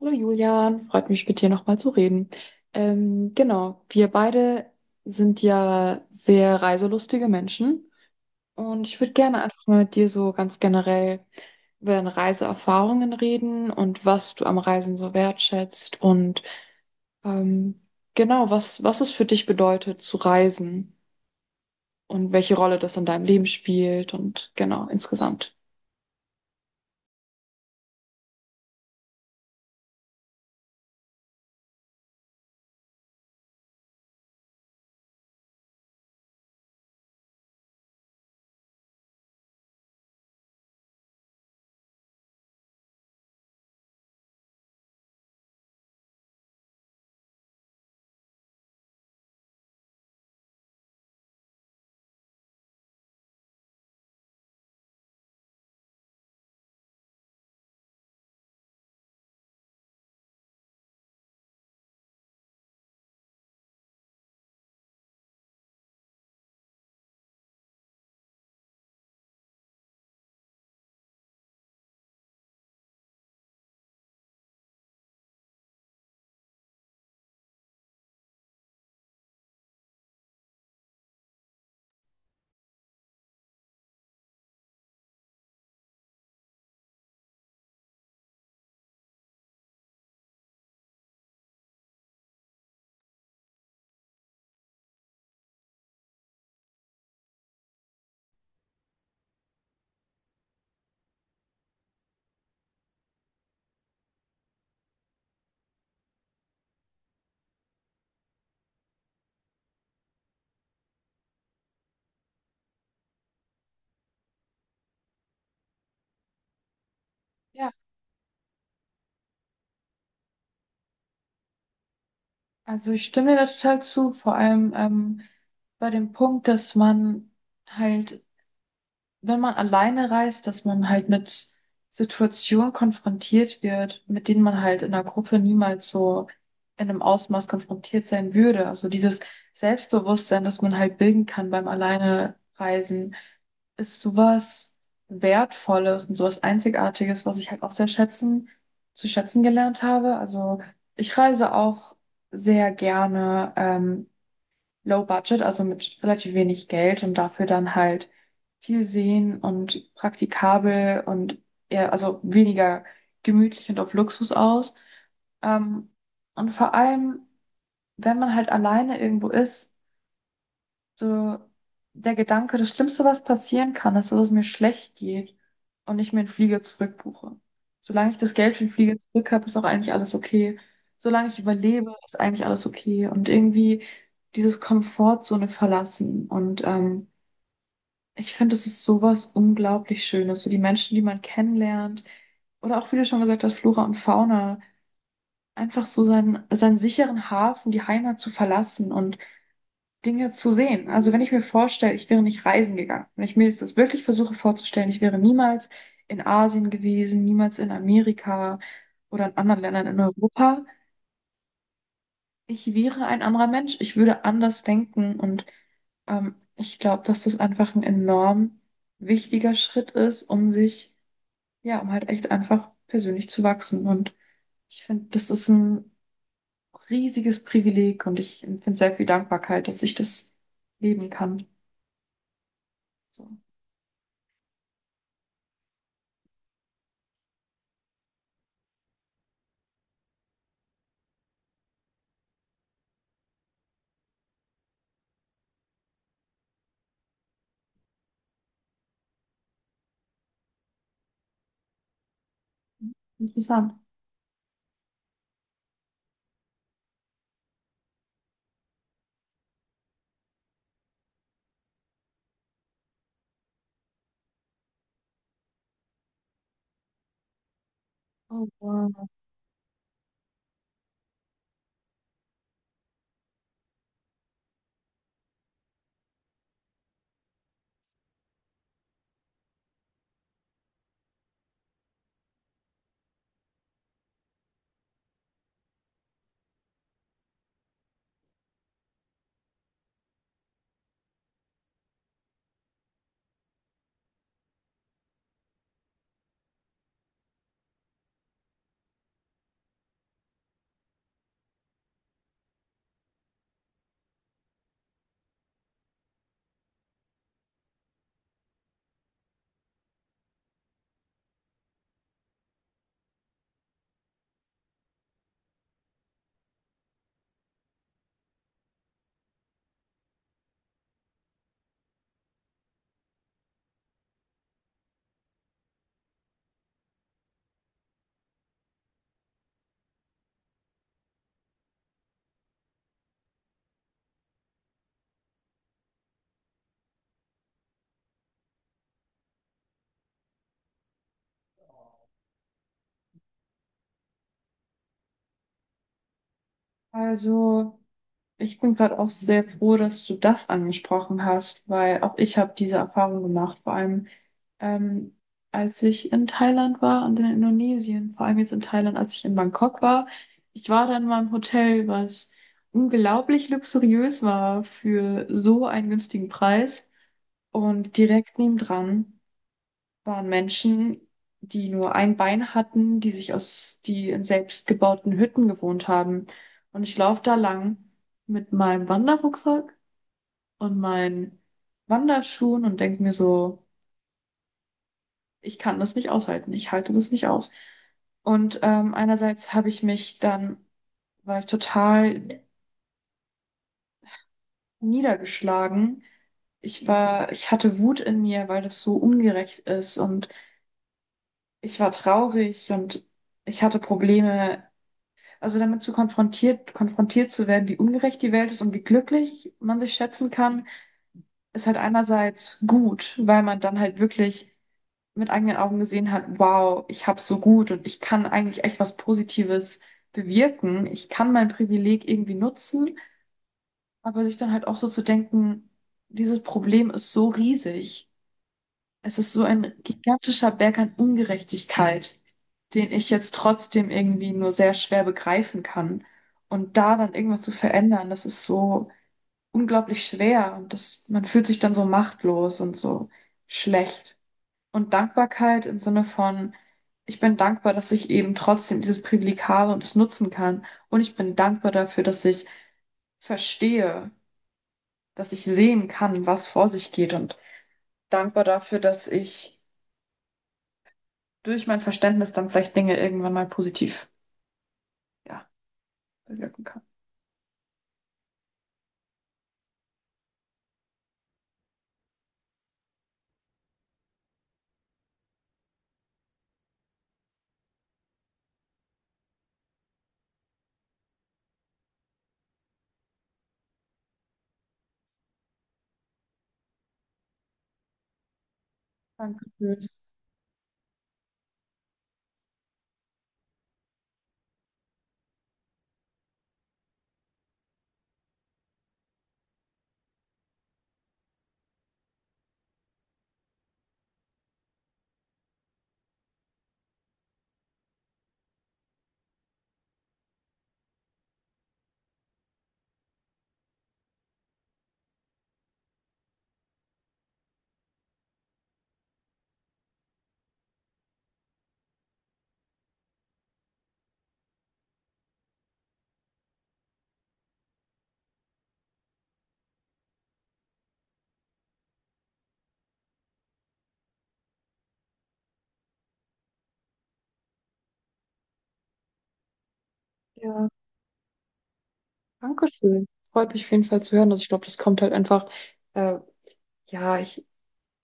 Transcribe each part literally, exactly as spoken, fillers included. Hallo Julian, freut mich mit dir nochmal zu reden. Ähm, genau, wir beide sind ja sehr reiselustige Menschen und ich würde gerne einfach mal mit dir so ganz generell über deine Reiseerfahrungen reden und was du am Reisen so wertschätzt und ähm, genau, was, was es für dich bedeutet zu reisen und welche Rolle das in deinem Leben spielt und genau, insgesamt. Ja, also ich stimme dir da total zu, vor allem ähm, bei dem Punkt, dass man halt, wenn man alleine reist, dass man halt mit Situationen konfrontiert wird, mit denen man halt in einer Gruppe niemals so in einem Ausmaß konfrontiert sein würde. Also dieses Selbstbewusstsein, das man halt bilden kann beim alleine Reisen, ist sowas Wertvolles und sowas Einzigartiges, was ich halt auch sehr schätzen, zu schätzen gelernt habe. Also ich reise auch sehr gerne. Ähm, Low Budget, also mit relativ wenig Geld und dafür dann halt viel sehen und praktikabel und eher, also weniger gemütlich und auf Luxus aus. Ähm, und vor allem, wenn man halt alleine irgendwo ist, so der Gedanke, das Schlimmste, was passieren kann, ist, dass es mir schlecht geht und ich mir einen Flieger zurückbuche. Solange ich das Geld für den Flieger zurück habe, ist auch eigentlich alles okay. Solange ich überlebe, ist eigentlich alles okay. Und irgendwie dieses Komfortzone verlassen. Und ähm, ich finde, es ist sowas unglaublich Schönes. So die Menschen, die man kennenlernt, oder auch, wie du schon gesagt hast, Flora und Fauna, einfach so seinen, seinen sicheren Hafen, die Heimat zu verlassen und Dinge zu sehen. Also wenn ich mir vorstelle, ich wäre nicht reisen gegangen, wenn ich mir jetzt das wirklich versuche vorzustellen, ich wäre niemals in Asien gewesen, niemals in Amerika oder in anderen Ländern in Europa, ich wäre ein anderer Mensch, ich würde anders denken und ähm, ich glaube, dass das einfach ein enorm wichtiger Schritt ist, um sich, ja, um halt echt einfach persönlich zu wachsen. Und ich finde, das ist ein riesiges Privileg und ich empfinde sehr viel Dankbarkeit, dass ich das leben kann. So. Interessant. Oh, wow. Also, ich bin gerade auch sehr froh, dass du das angesprochen hast, weil auch ich habe diese Erfahrung gemacht, vor allem ähm, als ich in Thailand war und in Indonesien, vor allem jetzt in Thailand, als ich in Bangkok war. Ich war dann in meinem Hotel, was unglaublich luxuriös war für so einen günstigen Preis und direkt nebendran waren Menschen, die nur ein Bein hatten, die sich aus, die in selbstgebauten Hütten gewohnt haben. Und ich laufe da lang mit meinem Wanderrucksack und meinen Wanderschuhen und denke mir so, ich kann das nicht aushalten, ich halte das nicht aus. Und ähm, einerseits habe ich mich dann, war ich total niedergeschlagen. Ich war, ich hatte Wut in mir, weil das so ungerecht ist und ich war traurig und ich hatte Probleme. Also damit zu konfrontiert, konfrontiert zu werden, wie ungerecht die Welt ist und wie glücklich man sich schätzen kann, ist halt einerseits gut, weil man dann halt wirklich mit eigenen Augen gesehen hat, wow, ich hab's so gut und ich kann eigentlich echt was Positives bewirken. Ich kann mein Privileg irgendwie nutzen, aber sich dann halt auch so zu denken, dieses Problem ist so riesig. Es ist so ein gigantischer Berg an Ungerechtigkeit, den ich jetzt trotzdem irgendwie nur sehr schwer begreifen kann. Und da dann irgendwas zu verändern, das ist so unglaublich schwer und das, man fühlt sich dann so machtlos und so schlecht. Und Dankbarkeit im Sinne von, ich bin dankbar, dass ich eben trotzdem dieses Privileg habe und es nutzen kann. Und ich bin dankbar dafür, dass ich verstehe, dass ich sehen kann, was vor sich geht und dankbar dafür, dass ich durch mein Verständnis dann vielleicht Dinge irgendwann mal positiv, ja, bewirken kann. Dankeschön. Ja, danke schön. Freut mich auf jeden Fall zu hören. Also ich glaube, das kommt halt einfach, äh, ja, ich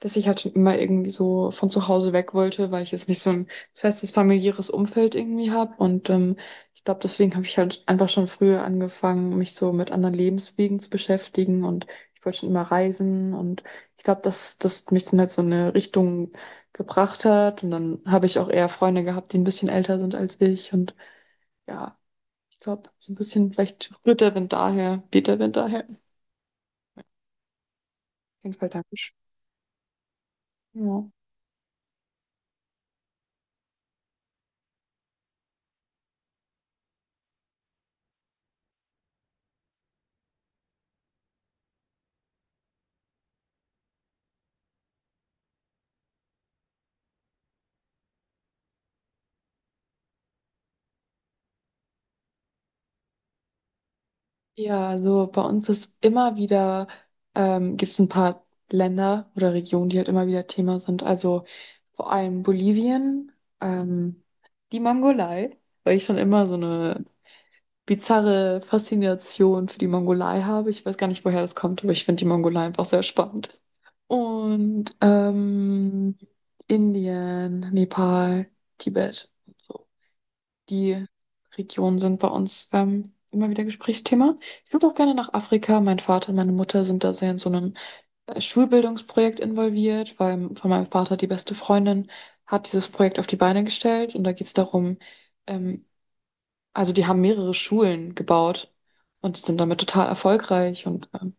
dass ich halt schon immer irgendwie so von zu Hause weg wollte, weil ich jetzt nicht so ein festes familiäres Umfeld irgendwie habe. Und ähm, ich glaube, deswegen habe ich halt einfach schon früher angefangen, mich so mit anderen Lebenswegen zu beschäftigen. Und ich wollte schon immer reisen. Und ich glaube, dass das mich dann halt so in eine Richtung gebracht hat. Und dann habe ich auch eher Freunde gehabt, die ein bisschen älter sind als ich. Und ja, ich glaube, so ein bisschen vielleicht rührt der Wind daher, weht der Wind daher. Auf jeden Fall danke. Ja. Ja, also bei uns ist immer wieder, ähm, gibt es ein paar Länder oder Regionen, die halt immer wieder Thema sind. Also vor allem Bolivien, ähm, die Mongolei, weil ich schon immer so eine bizarre Faszination für die Mongolei habe. Ich weiß gar nicht, woher das kommt, aber ich finde die Mongolei einfach sehr spannend. Und ähm, Indien, Nepal, Tibet. Die Regionen sind bei uns ähm, immer wieder Gesprächsthema. Ich würde auch gerne nach Afrika. Mein Vater und meine Mutter sind da sehr in so einem äh, Schulbildungsprojekt involviert, weil von meinem Vater die beste Freundin hat dieses Projekt auf die Beine gestellt Und da geht es darum, ähm, also die haben mehrere Schulen gebaut und sind damit total erfolgreich und ähm,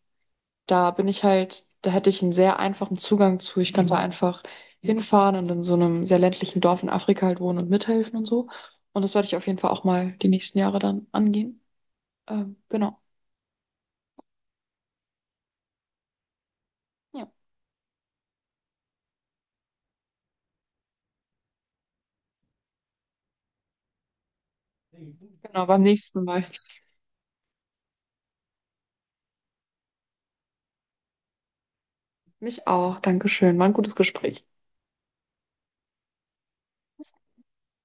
da bin ich halt, da hätte ich einen sehr einfachen Zugang zu. Ich kann da einfach hinfahren und in so einem sehr ländlichen Dorf in Afrika halt wohnen und mithelfen und so. Und das werde ich auf jeden Fall auch mal die nächsten Jahre dann angehen. Ähm, genau. Ja, genau, beim nächsten Mal. Mich auch. Dankeschön. War ein gutes Gespräch. Bis